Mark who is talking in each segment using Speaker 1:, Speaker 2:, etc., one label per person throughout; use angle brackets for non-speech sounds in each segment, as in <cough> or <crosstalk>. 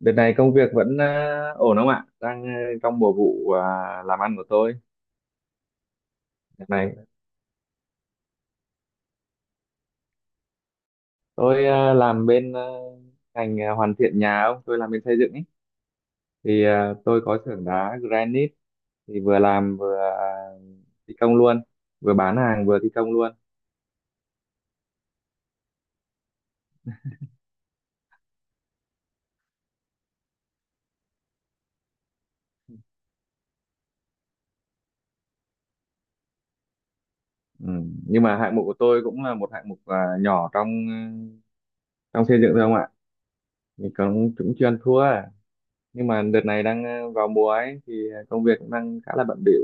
Speaker 1: Đợt này công việc vẫn ổn không ạ? Đang trong mùa vụ làm ăn của tôi. Đợt này tôi làm bên ngành hoàn thiện nhà ông, tôi làm bên xây dựng ấy. Thì tôi có xưởng đá granite thì vừa làm vừa thi công luôn, vừa bán hàng vừa thi công luôn. Ừ. Nhưng mà hạng mục của tôi cũng là một hạng mục nhỏ trong xây dựng thôi không ạ? Mình cũng cũng chưa ăn thua à. Nhưng mà đợt này đang vào mùa ấy thì công việc cũng đang khá là bận bịu.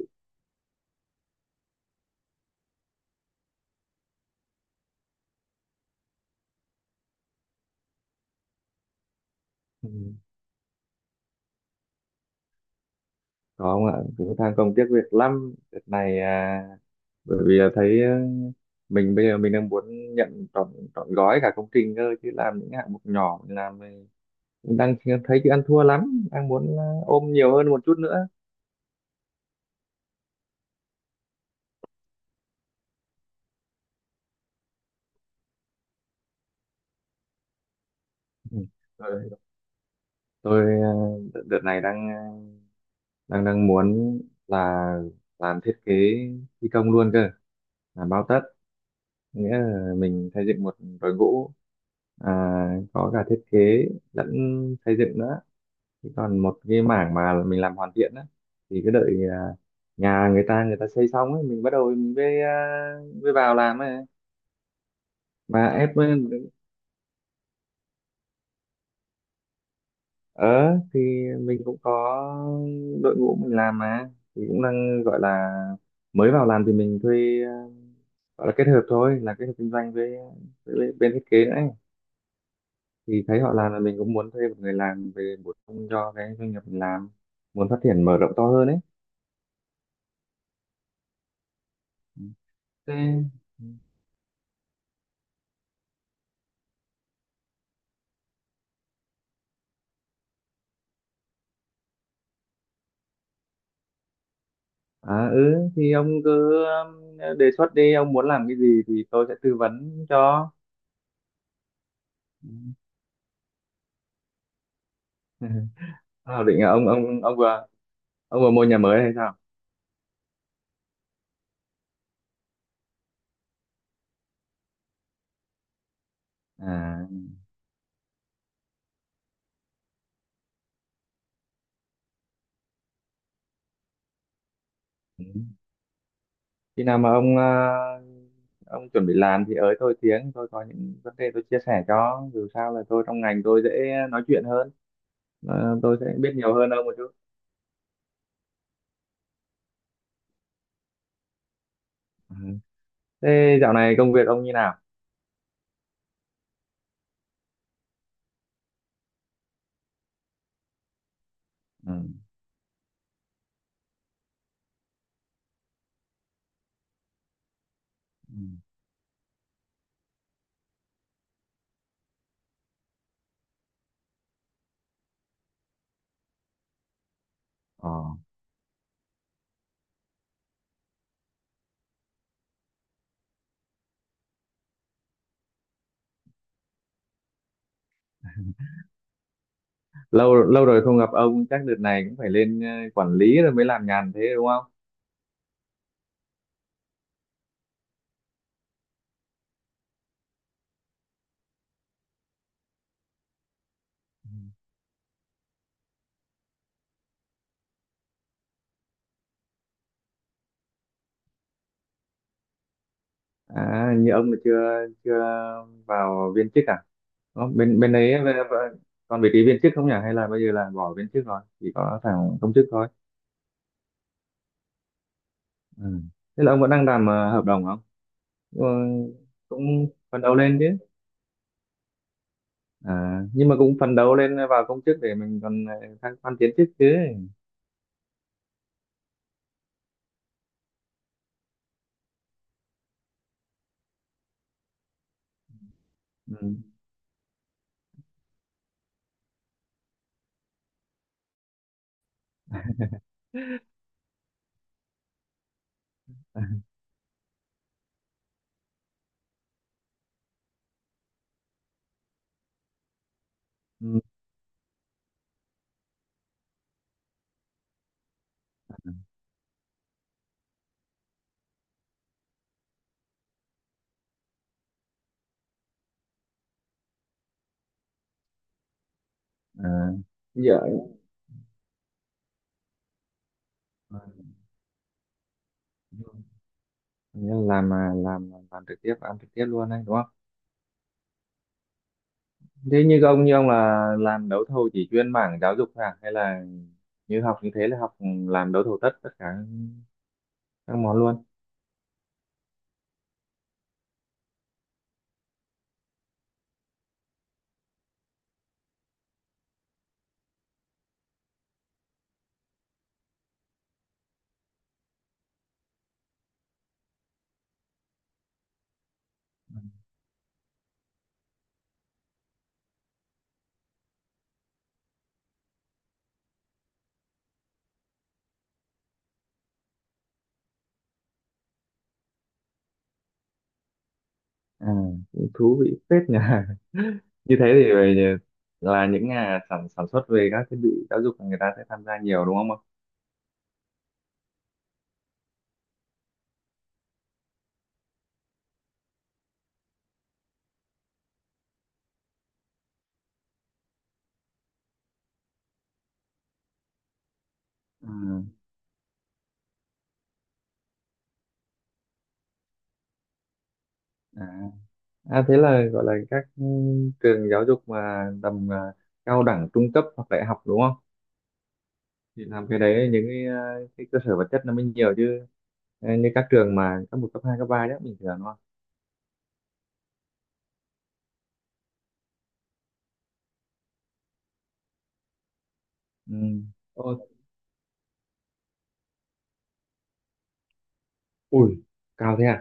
Speaker 1: Ừ. Có không ạ, cũng than công tiếc việc lắm đợt này à, bởi vì là thấy mình bây giờ mình đang muốn nhận trọn trọn gói cả công trình cơ chứ làm những hạng mục nhỏ mình làm mình cũng đang thấy chứ ăn thua lắm, đang muốn ôm nhiều hơn một chút nữa. Ừ, rồi tôi đợt đợt này đang đang đang muốn là làm thiết kế thi công luôn cơ, làm bao tất, nghĩa là mình xây dựng một đội ngũ, à, có cả thiết kế lẫn xây dựng nữa. Thế còn một cái mảng mà mình làm hoàn thiện á thì cứ đợi, nhà người ta xây xong ấy mình bắt đầu mình mới vào làm ấy, mà ép lên- ở thì mình cũng có đội ngũ mình làm mà, thì cũng đang gọi là mới vào làm thì mình thuê, gọi là kết hợp thôi, là kết hợp kinh doanh với bên thiết kế nữa ấy. Thì thấy họ làm là mình cũng muốn thuê một người làm về bổ sung cho cái doanh nghiệp mình làm, muốn phát triển mở rộng to hơn ấy. Ừ, thế. Ừ. À, ừ thì ông cứ đề xuất đi, ông muốn làm cái gì thì tôi sẽ tư vấn cho. Ừ. <laughs> Sao định là ông vừa mua nhà mới hay sao? À, ừ. Khi nào mà ông chuẩn bị làm thì ới tôi tiếng, tôi có những vấn đề tôi chia sẻ, cho dù sao là tôi trong ngành tôi dễ nói chuyện hơn. Ờ, tôi sẽ biết nhiều hơn ông một chút. Ừ, thế dạo này công việc ông như nào? Ừ. Ừ. Ờ. Lâu lâu rồi không gặp ông, chắc đợt này cũng phải lên quản lý rồi mới làm nhàn thế đúng không? À, như ông là chưa chưa vào viên chức à? Ờ, bên bên đấy còn vị trí viên chức không nhỉ? Hay là bây giờ là bỏ viên chức rồi, chỉ có thằng công chức thôi? Ừ. Thế là ông vẫn đang làm hợp đồng không? Ừ, cũng phấn đấu lên chứ. À, nhưng mà cũng phấn đấu lên vào công chức để mình còn thăng quan tiến chức chứ. Ừ. <laughs> Ừ. À, giờ. Ừ. Nghĩa là làm mà làm trực tiếp, ăn trực tiếp luôn đấy đúng không? Thế như ông là làm đấu thầu chỉ chuyên mảng giáo dục thôi à, hay là như học như thế là học làm đấu thầu tất tất cả các món luôn? À, cũng thú vị phết nhỉ. <laughs> Như thế thì về là những nhà sản sản xuất về các thiết bị giáo dục là người ta sẽ tham gia nhiều đúng không ạ? Ừ. À. À, thế là gọi là các trường giáo dục mà tầm, cao đẳng trung cấp hoặc đại học đúng không? Thì làm cái đấy những cái, cái cơ sở vật chất nó mới nhiều chứ. Ờ, như các trường mà cấp một cấp hai cấp ba đó bình thường. Ừ. Ờ, ui, cao thế à?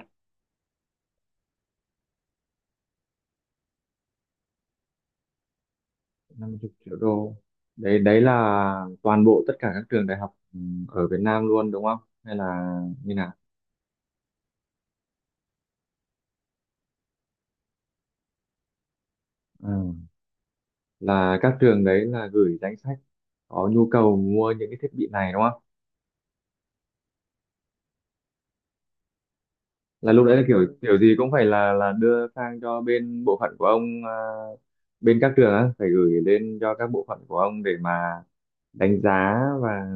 Speaker 1: 50 triệu đô. Đấy, đấy là toàn bộ tất cả các trường đại học ở Việt Nam luôn đúng không? Hay là như nào? Ừ. Là các trường đấy là gửi danh sách có nhu cầu mua những cái thiết bị này đúng không? Là lúc đấy là kiểu kiểu gì cũng phải là đưa sang cho bên bộ phận của ông, bên các trường á phải gửi lên cho các bộ phận của ông để mà đánh giá và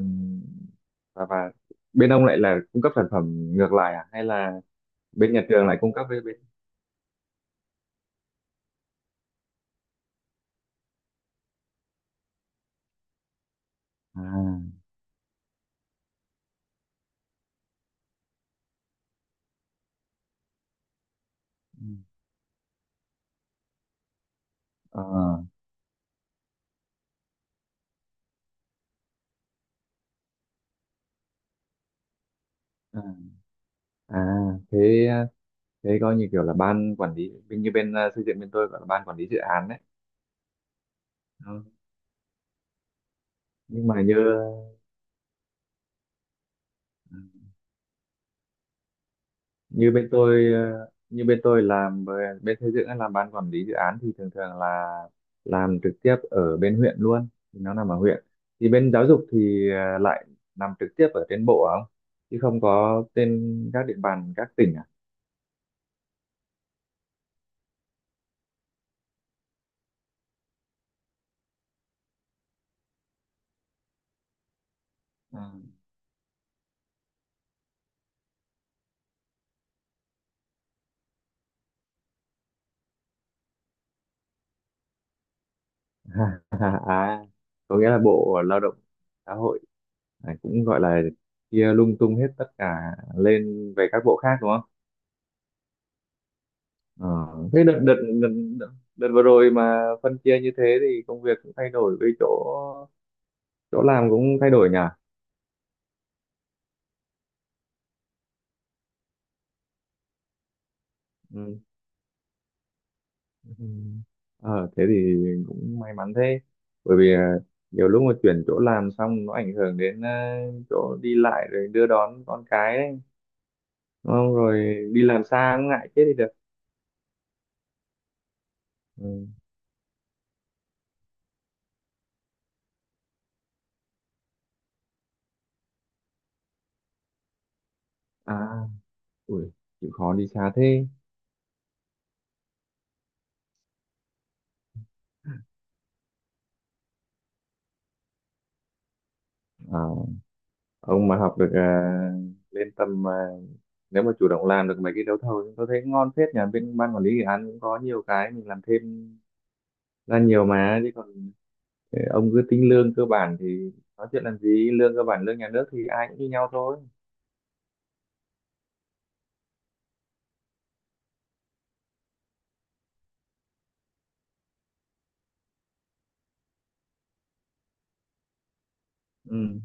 Speaker 1: và và bên ông lại là cung cấp sản phẩm ngược lại, à hay là bên nhà trường lại cung cấp với bên. À. Ừ. ờ, à, à thế thế coi như kiểu là ban quản lý bên như bên xây dựng bên tôi gọi là ban quản lý dự án đấy. Ừ. Nhưng mà như như bên tôi bên xây dựng ấy, làm ban quản lý dự án thì thường thường là làm trực tiếp ở bên huyện luôn, thì nó nằm ở huyện, thì bên giáo dục thì lại nằm trực tiếp ở trên bộ không, chứ không có trên các địa bàn các tỉnh à? Ừ. À, có nghĩa là Bộ Lao động Xã hội này cũng gọi là chia lung tung hết tất cả lên về các bộ khác đúng không? Ờ, thế đợt, đợt, đợt vừa rồi mà phân chia như thế thì công việc cũng thay đổi, với chỗ chỗ làm cũng thay đổi nhỉ? Ừ. Ừ. Ờ, thế thì cũng may mắn thế. Bởi vì, nhiều lúc mà chuyển chỗ làm xong nó ảnh hưởng đến, chỗ đi lại rồi đưa đón con cái đấy. Đúng không? Rồi đi làm xa cũng ngại chết đi được. Ừ. À. Ui, chịu khó đi xa thế. À, ông mà học được, lên tầm, nếu mà chủ động làm được mấy cái đấu thầu thì tôi thấy ngon phết, nhà bên ban quản lý dự án cũng có nhiều cái mình làm thêm ra nhiều mà, chứ còn ông cứ tính lương cơ bản thì nói chuyện làm gì, lương cơ bản lương nhà nước thì ai cũng như nhau thôi. Ừ.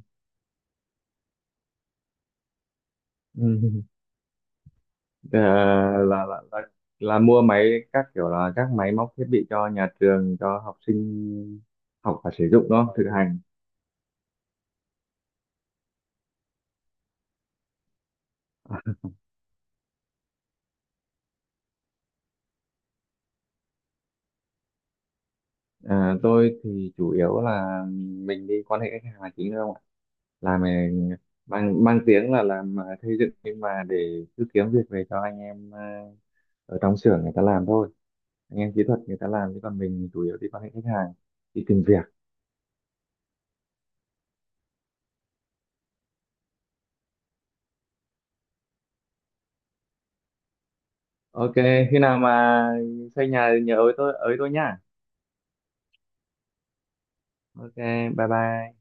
Speaker 1: Ừ. <laughs> Ờ, là, là là là mua máy các kiểu, là các máy móc thiết bị cho nhà trường cho học sinh học và sử dụng đó, thực hành. À, tôi thì chủ yếu là mình đi quan hệ khách hàng là chính thôi không ạ? Là mình mang mang tiếng là làm, xây dựng, nhưng mà để cứ kiếm việc về cho anh em, ở trong xưởng người ta làm thôi. Anh em kỹ thuật người ta làm, chứ còn mình chủ yếu đi quan hệ khách hàng, đi tìm việc. Ok, khi nào mà xây nhà thì nhớ ới tôi nhá. Ok, bye bye.